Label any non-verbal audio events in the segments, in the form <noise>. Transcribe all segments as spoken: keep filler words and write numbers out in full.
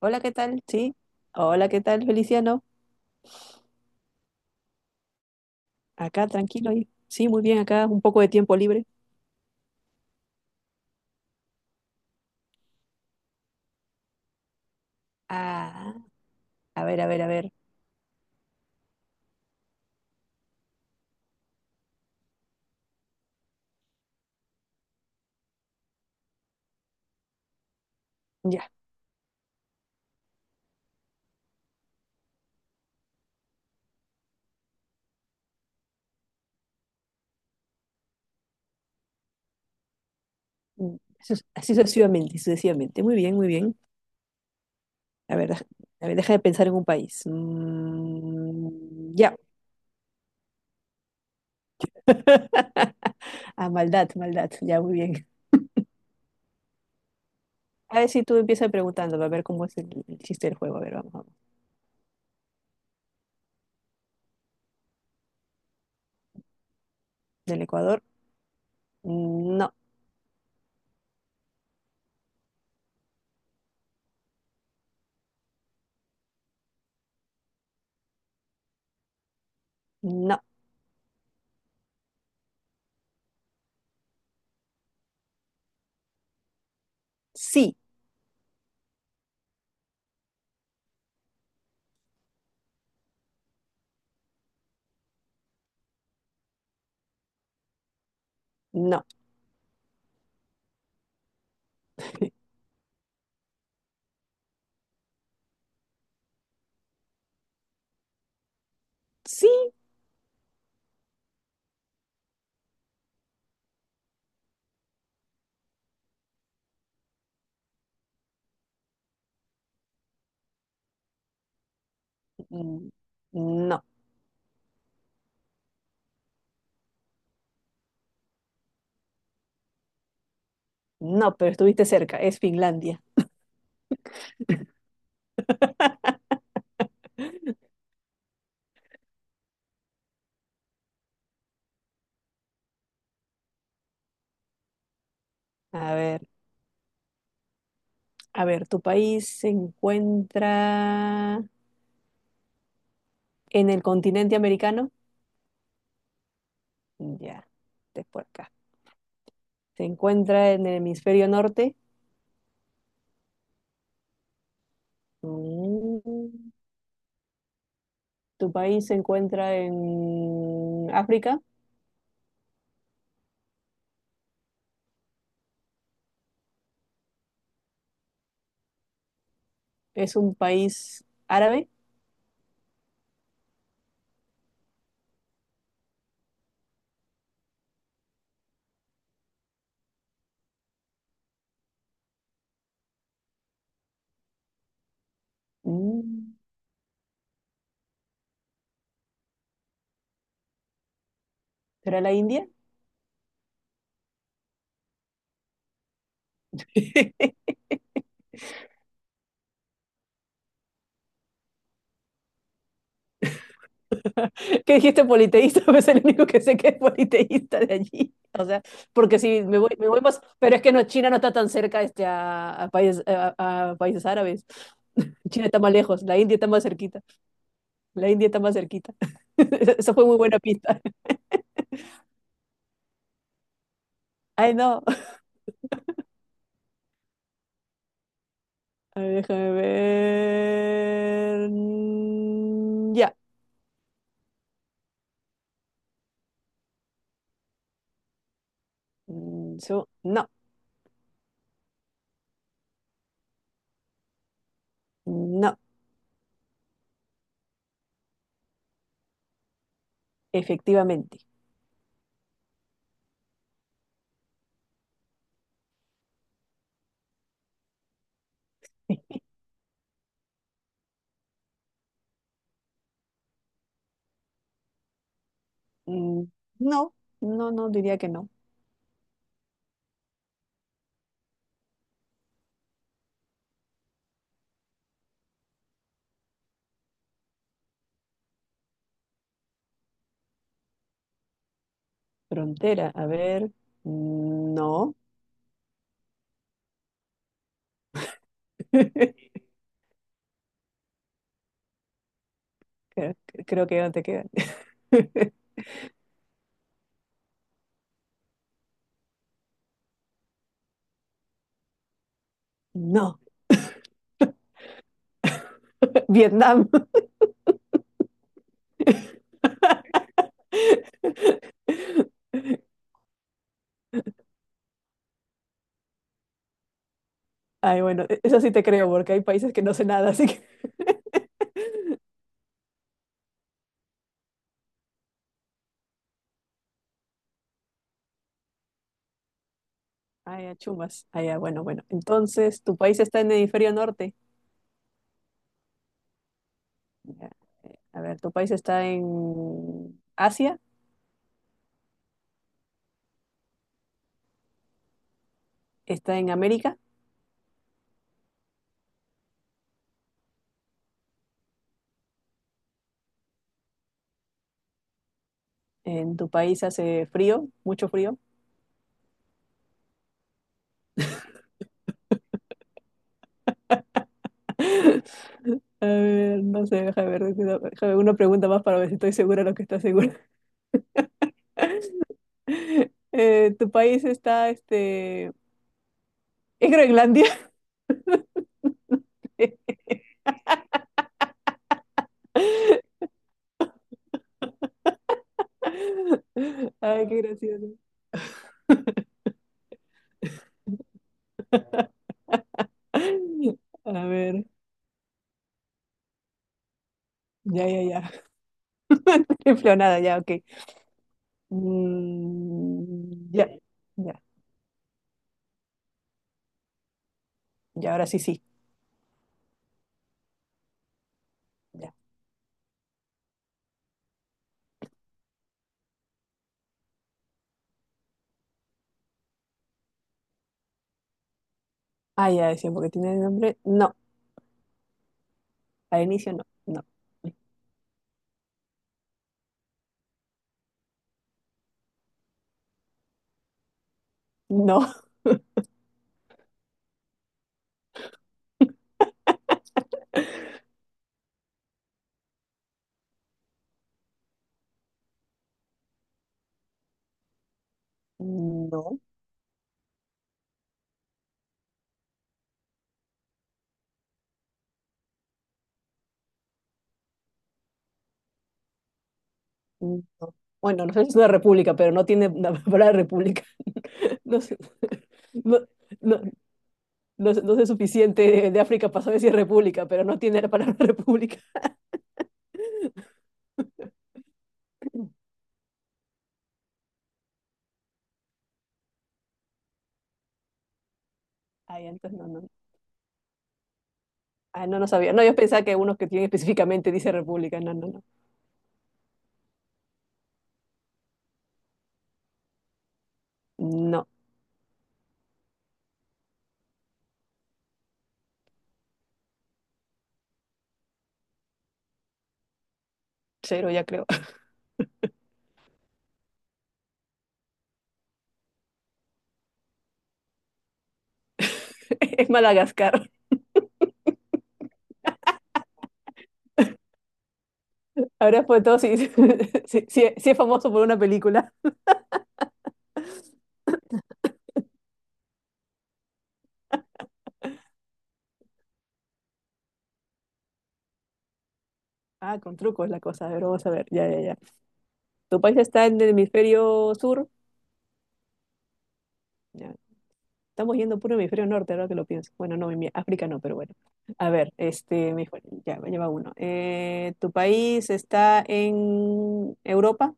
Hola, ¿qué tal? Sí. Hola, ¿qué tal, Feliciano? Acá, tranquilo. y- Sí, muy bien, acá, un poco de tiempo libre. Ah, a ver, a ver, a ver. Ya. mm, eso es- Así sucesivamente, sucesivamente. Muy bien, muy bien. A ver, dej- a ver, deja de pensar en un país. Mm, ya. <laughs> Ah, maldad, maldad. Ya, muy bien. A ver si tú empiezas preguntando, a ver cómo es el, el chiste del juego. A ver, vamos, vamos. ¿Del Ecuador? Mm, no, no. Sí, no. <laughs> Sí, mm, no. No, pero estuviste cerca, es Finlandia. <laughs> A ver, a ver, ¿tu país se encuentra en el continente americano? Ya, es por acá. ¿Se encuentra en el hemisferio norte? Mm. ¿Tu país se encuentra en África? ¿Es un país árabe? Mm. ¿Será la India? <laughs> ¿Qué dijiste? Politeísta, <laughs> es el único que sé que es politeísta de allí. O sea, porque si me voy, me voy más, pero es que no, China no está tan cerca este, a, a países, a, a países árabes. <laughs> China está más lejos, la India está más cerquita. La India está más cerquita. <laughs> Esa esa fue muy buena pista. <laughs> Ay, no. A ver, déjame ver. Mm, ya. Mm, so- no, no, efectivamente. <laughs> Mm, no, no, no diría que no. Frontera, a ver. Mm, no. <laughs> Creo creo que ya no te quedan. <laughs> No, Vietnam. <laughs> Ay, bueno, e-, eso sí te creo, porque hay países que no sé nada, así que. <laughs> Ay, a chumas. Ay, ya, bueno, bueno. Entonces, ¿tu país está en el hemisferio norte? Ya. A ver, ¿tu país está en Asia? ¿Está en América? ¿En tu país hace frío? ¿Mucho frío? <laughs> A ver, no sé, déjame ver, déjame déjame una pregunta más para ver si estoy segura de lo que estás segura. <laughs> Eh, ¿tu país está? este, ¿Es Groenlandia? <laughs> Ay, qué gracioso. A ver, ya, ya, ya. <laughs> Nada ya, ok. Mm, ya, ya, ya, ahora sí, sí. Ya. Ah, ya decía, porque tiene nombre. No, al inicio no, no, no, <laughs> no, no. Bueno, no sé si es una república, pero no tiene la palabra república. <laughs> No sé, no, no, no, sé no sé suficiente de, de África para saber si es república, pero no tiene la palabra <laughs> república. Ay, entonces no, no. Ah, no, no sabía. No, yo pensaba que unos que tienen específicamente dice República. No, no, no. No, cero ya creo. <laughs> Es Madagascar. Ahora después de todo, si, <laughs> si, si- si <laughs> es famoso por una película. Ah, con trucos la cosa. A ver, vamos a ver. Ya, ya, ya. ¿Tu país está en el hemisferio sur? Ya. Estamos yendo puro hemisferio norte, ahora que lo pienso. Bueno, no, en mi África no, pero bueno. A ver, este, mi- ya, me lleva uno. Eh, ¿tu país está en Europa?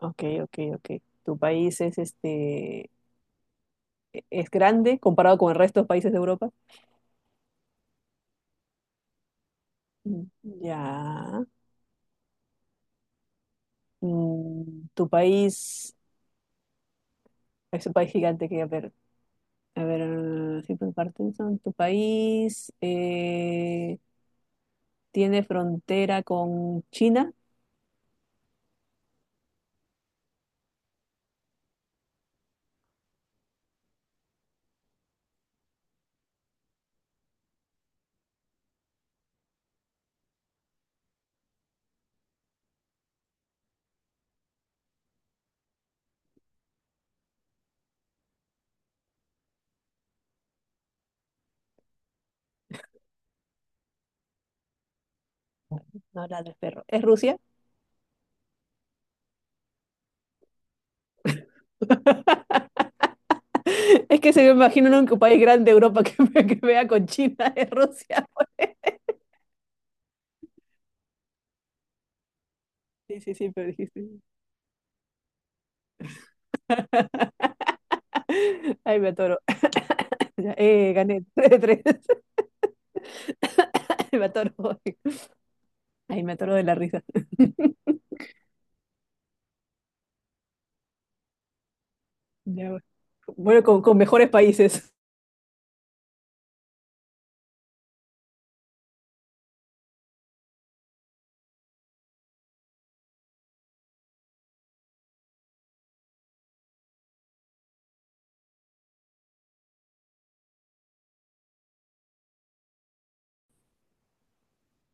Ok, ok, ok. ¿Tu país es este es grande comparado con el resto de países de Europa? Mm, ya. Mm, tu país es un país gigante que, a ver, a ver, si por Parkinson, tu país eh, tiene frontera con China. No, la del perro. ¿Es Rusia? <laughs> Es que se me imagino en un país grande de Europa que, me- que vea con China, <laughs> es Rusia. Sí, sí, sí, pero dijiste. <laughs> Ay, me atoro. <laughs> Ya, eh, gané <laughs> tres de tres. <laughs> Me atoro. Ahí me atoro de la risa. Ya, bueno, Bueno, con, con mejores países.